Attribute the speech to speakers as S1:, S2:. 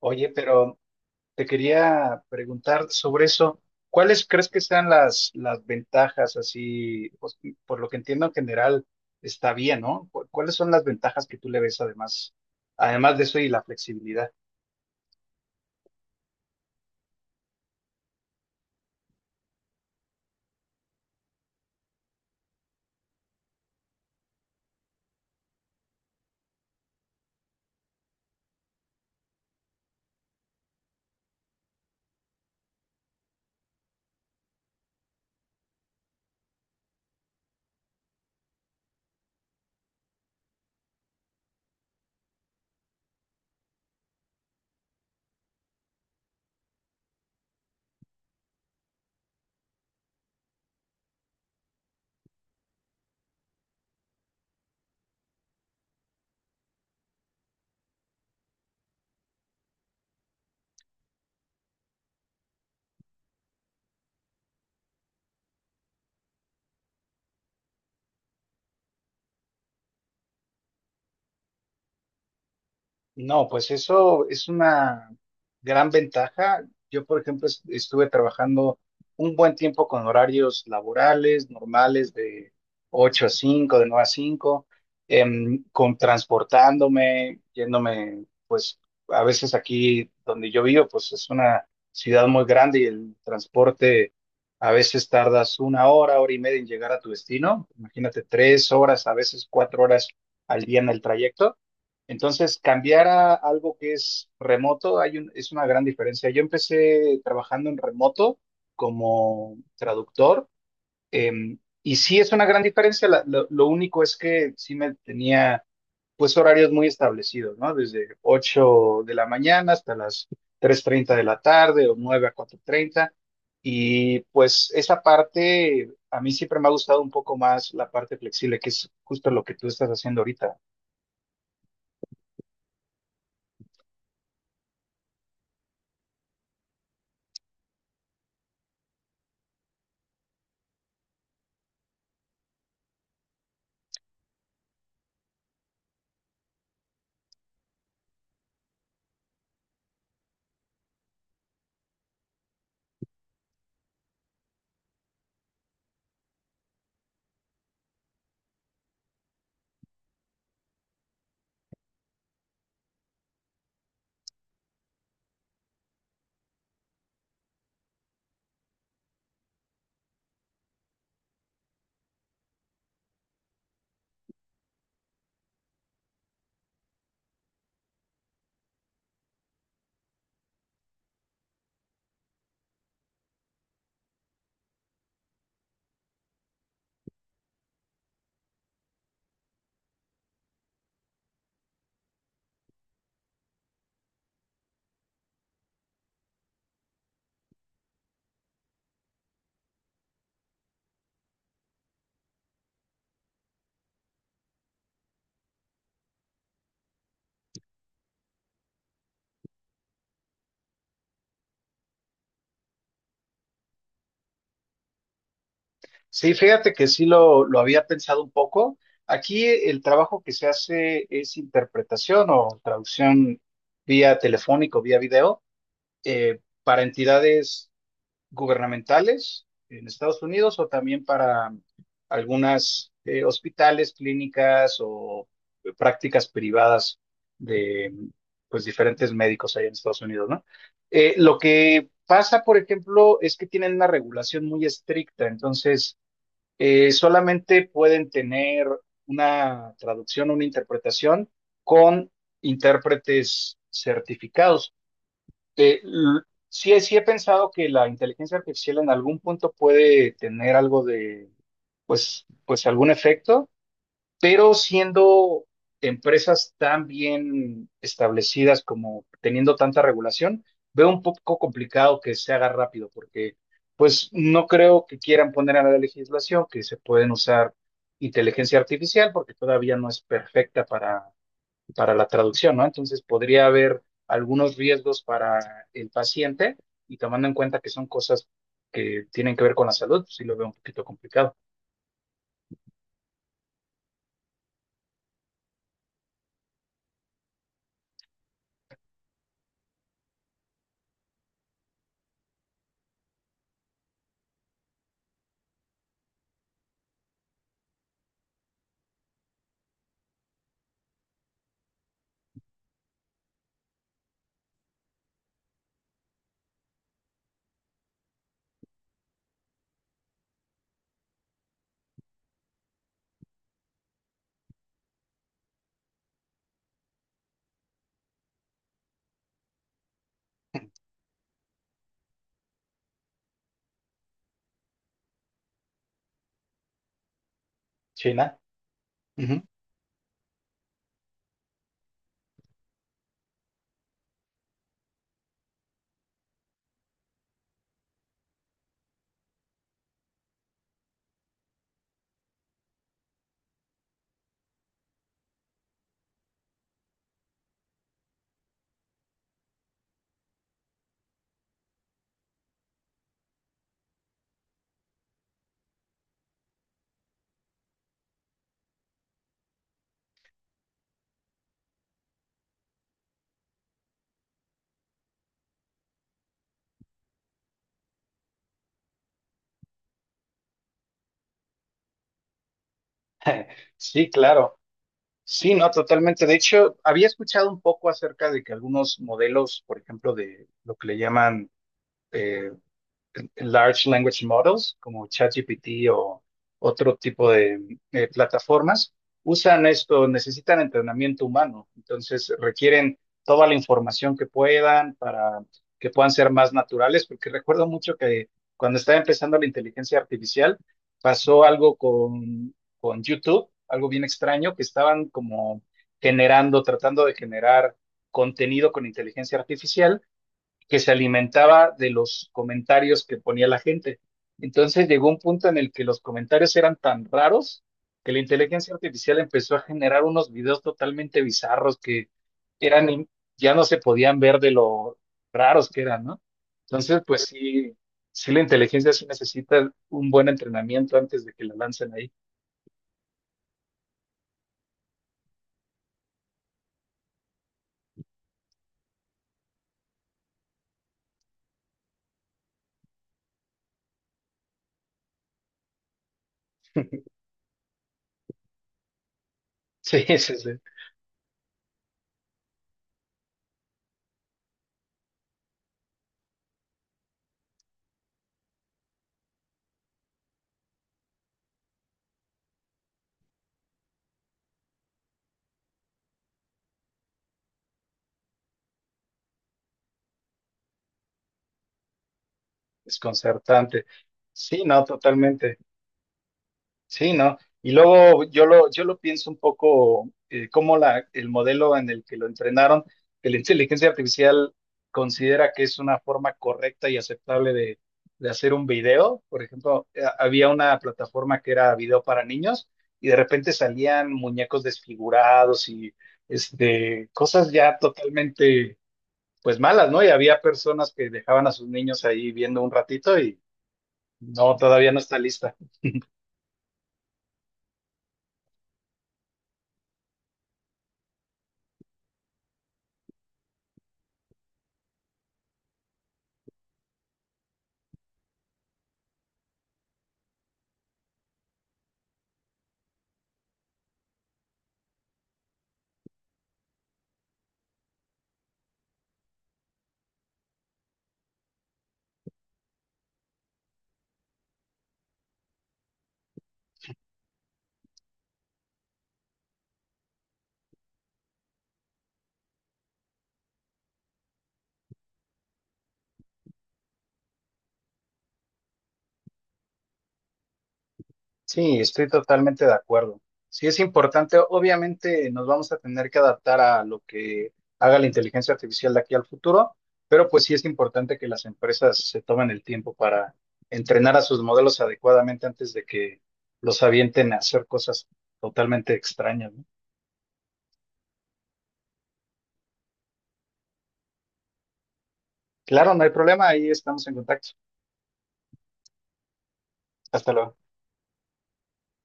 S1: Oye, pero te quería preguntar sobre eso. ¿Cuáles crees que sean las ventajas así? Pues, por lo que entiendo en general está bien, ¿no? ¿Cuáles son las ventajas que tú le ves además de eso y la flexibilidad? No, pues eso es una gran ventaja. Yo, por ejemplo, estuve trabajando un buen tiempo con horarios laborales, normales, de 8 a 5, de 9 a 5, con transportándome, yéndome, pues a veces aquí donde yo vivo, pues es una ciudad muy grande y el transporte a veces tardas una hora, hora y media en llegar a tu destino. Imagínate 3 horas, a veces 4 horas al día en el trayecto. Entonces, cambiar a algo que es remoto es una gran diferencia. Yo empecé trabajando en remoto como traductor, y sí es una gran diferencia. Lo único es que sí me tenía pues horarios muy establecidos, ¿no? Desde 8 de la mañana hasta las 3:30 de la tarde o 9 a 4:30. Y pues esa parte, a mí siempre me ha gustado un poco más la parte flexible, que es justo lo que tú estás haciendo ahorita. Sí, fíjate que sí lo había pensado un poco. Aquí el trabajo que se hace es interpretación o traducción vía telefónico, vía video, para entidades gubernamentales en Estados Unidos o también para algunas hospitales, clínicas o prácticas privadas de pues diferentes médicos allá en Estados Unidos, ¿no? Lo que pasa, por ejemplo, es que tienen una regulación muy estricta, entonces solamente pueden tener una traducción, una interpretación con intérpretes certificados. Eh, l- sí, sí he pensado que la inteligencia artificial en algún punto puede tener algo de, pues, algún efecto, pero siendo empresas tan bien establecidas como teniendo tanta regulación, veo un poco complicado que se haga rápido, porque pues no creo que quieran poner a la legislación que se pueden usar inteligencia artificial, porque todavía no es perfecta para la traducción, ¿no? Entonces podría haber algunos riesgos para el paciente y tomando en cuenta que son cosas que tienen que ver con la salud, pues sí lo veo un poquito complicado. China. Ujú. Sí, claro. Sí, no, totalmente. De hecho, había escuchado un poco acerca de que algunos modelos, por ejemplo, de lo que le llaman, eh, large language models como ChatGPT o otro tipo de plataformas, usan esto, necesitan entrenamiento humano, entonces requieren toda la información que puedan para que puedan ser más naturales, porque recuerdo mucho que cuando estaba empezando la inteligencia artificial, pasó algo con YouTube, algo bien extraño, que estaban como generando, tratando de generar contenido con inteligencia artificial que se alimentaba de los comentarios que ponía la gente. Entonces llegó un punto en el que los comentarios eran tan raros que la inteligencia artificial empezó a generar unos videos totalmente bizarros que eran, ya no se podían ver de lo raros que eran, ¿no? Entonces, pues sí, sí la inteligencia sí necesita un buen entrenamiento antes de que la lancen ahí. Sí, sí, sí, desconcertante. Sí, no, totalmente. Sí, ¿no? Y luego yo lo pienso un poco, como la, el modelo en el que lo entrenaron, que la inteligencia artificial considera que es una forma correcta y aceptable de hacer un video. Por ejemplo, había una plataforma que era video para niños y de repente salían muñecos desfigurados y cosas ya totalmente pues malas, ¿no? Y había personas que dejaban a sus niños ahí viendo un ratito y no, todavía no está lista. Sí, estoy totalmente de acuerdo. Sí, es importante. Obviamente nos vamos a tener que adaptar a lo que haga la inteligencia artificial de aquí al futuro, pero pues sí es importante que las empresas se tomen el tiempo para entrenar a sus modelos adecuadamente antes de que los avienten a hacer cosas totalmente extrañas, ¿no? Claro, no hay problema, ahí estamos en contacto. Hasta luego.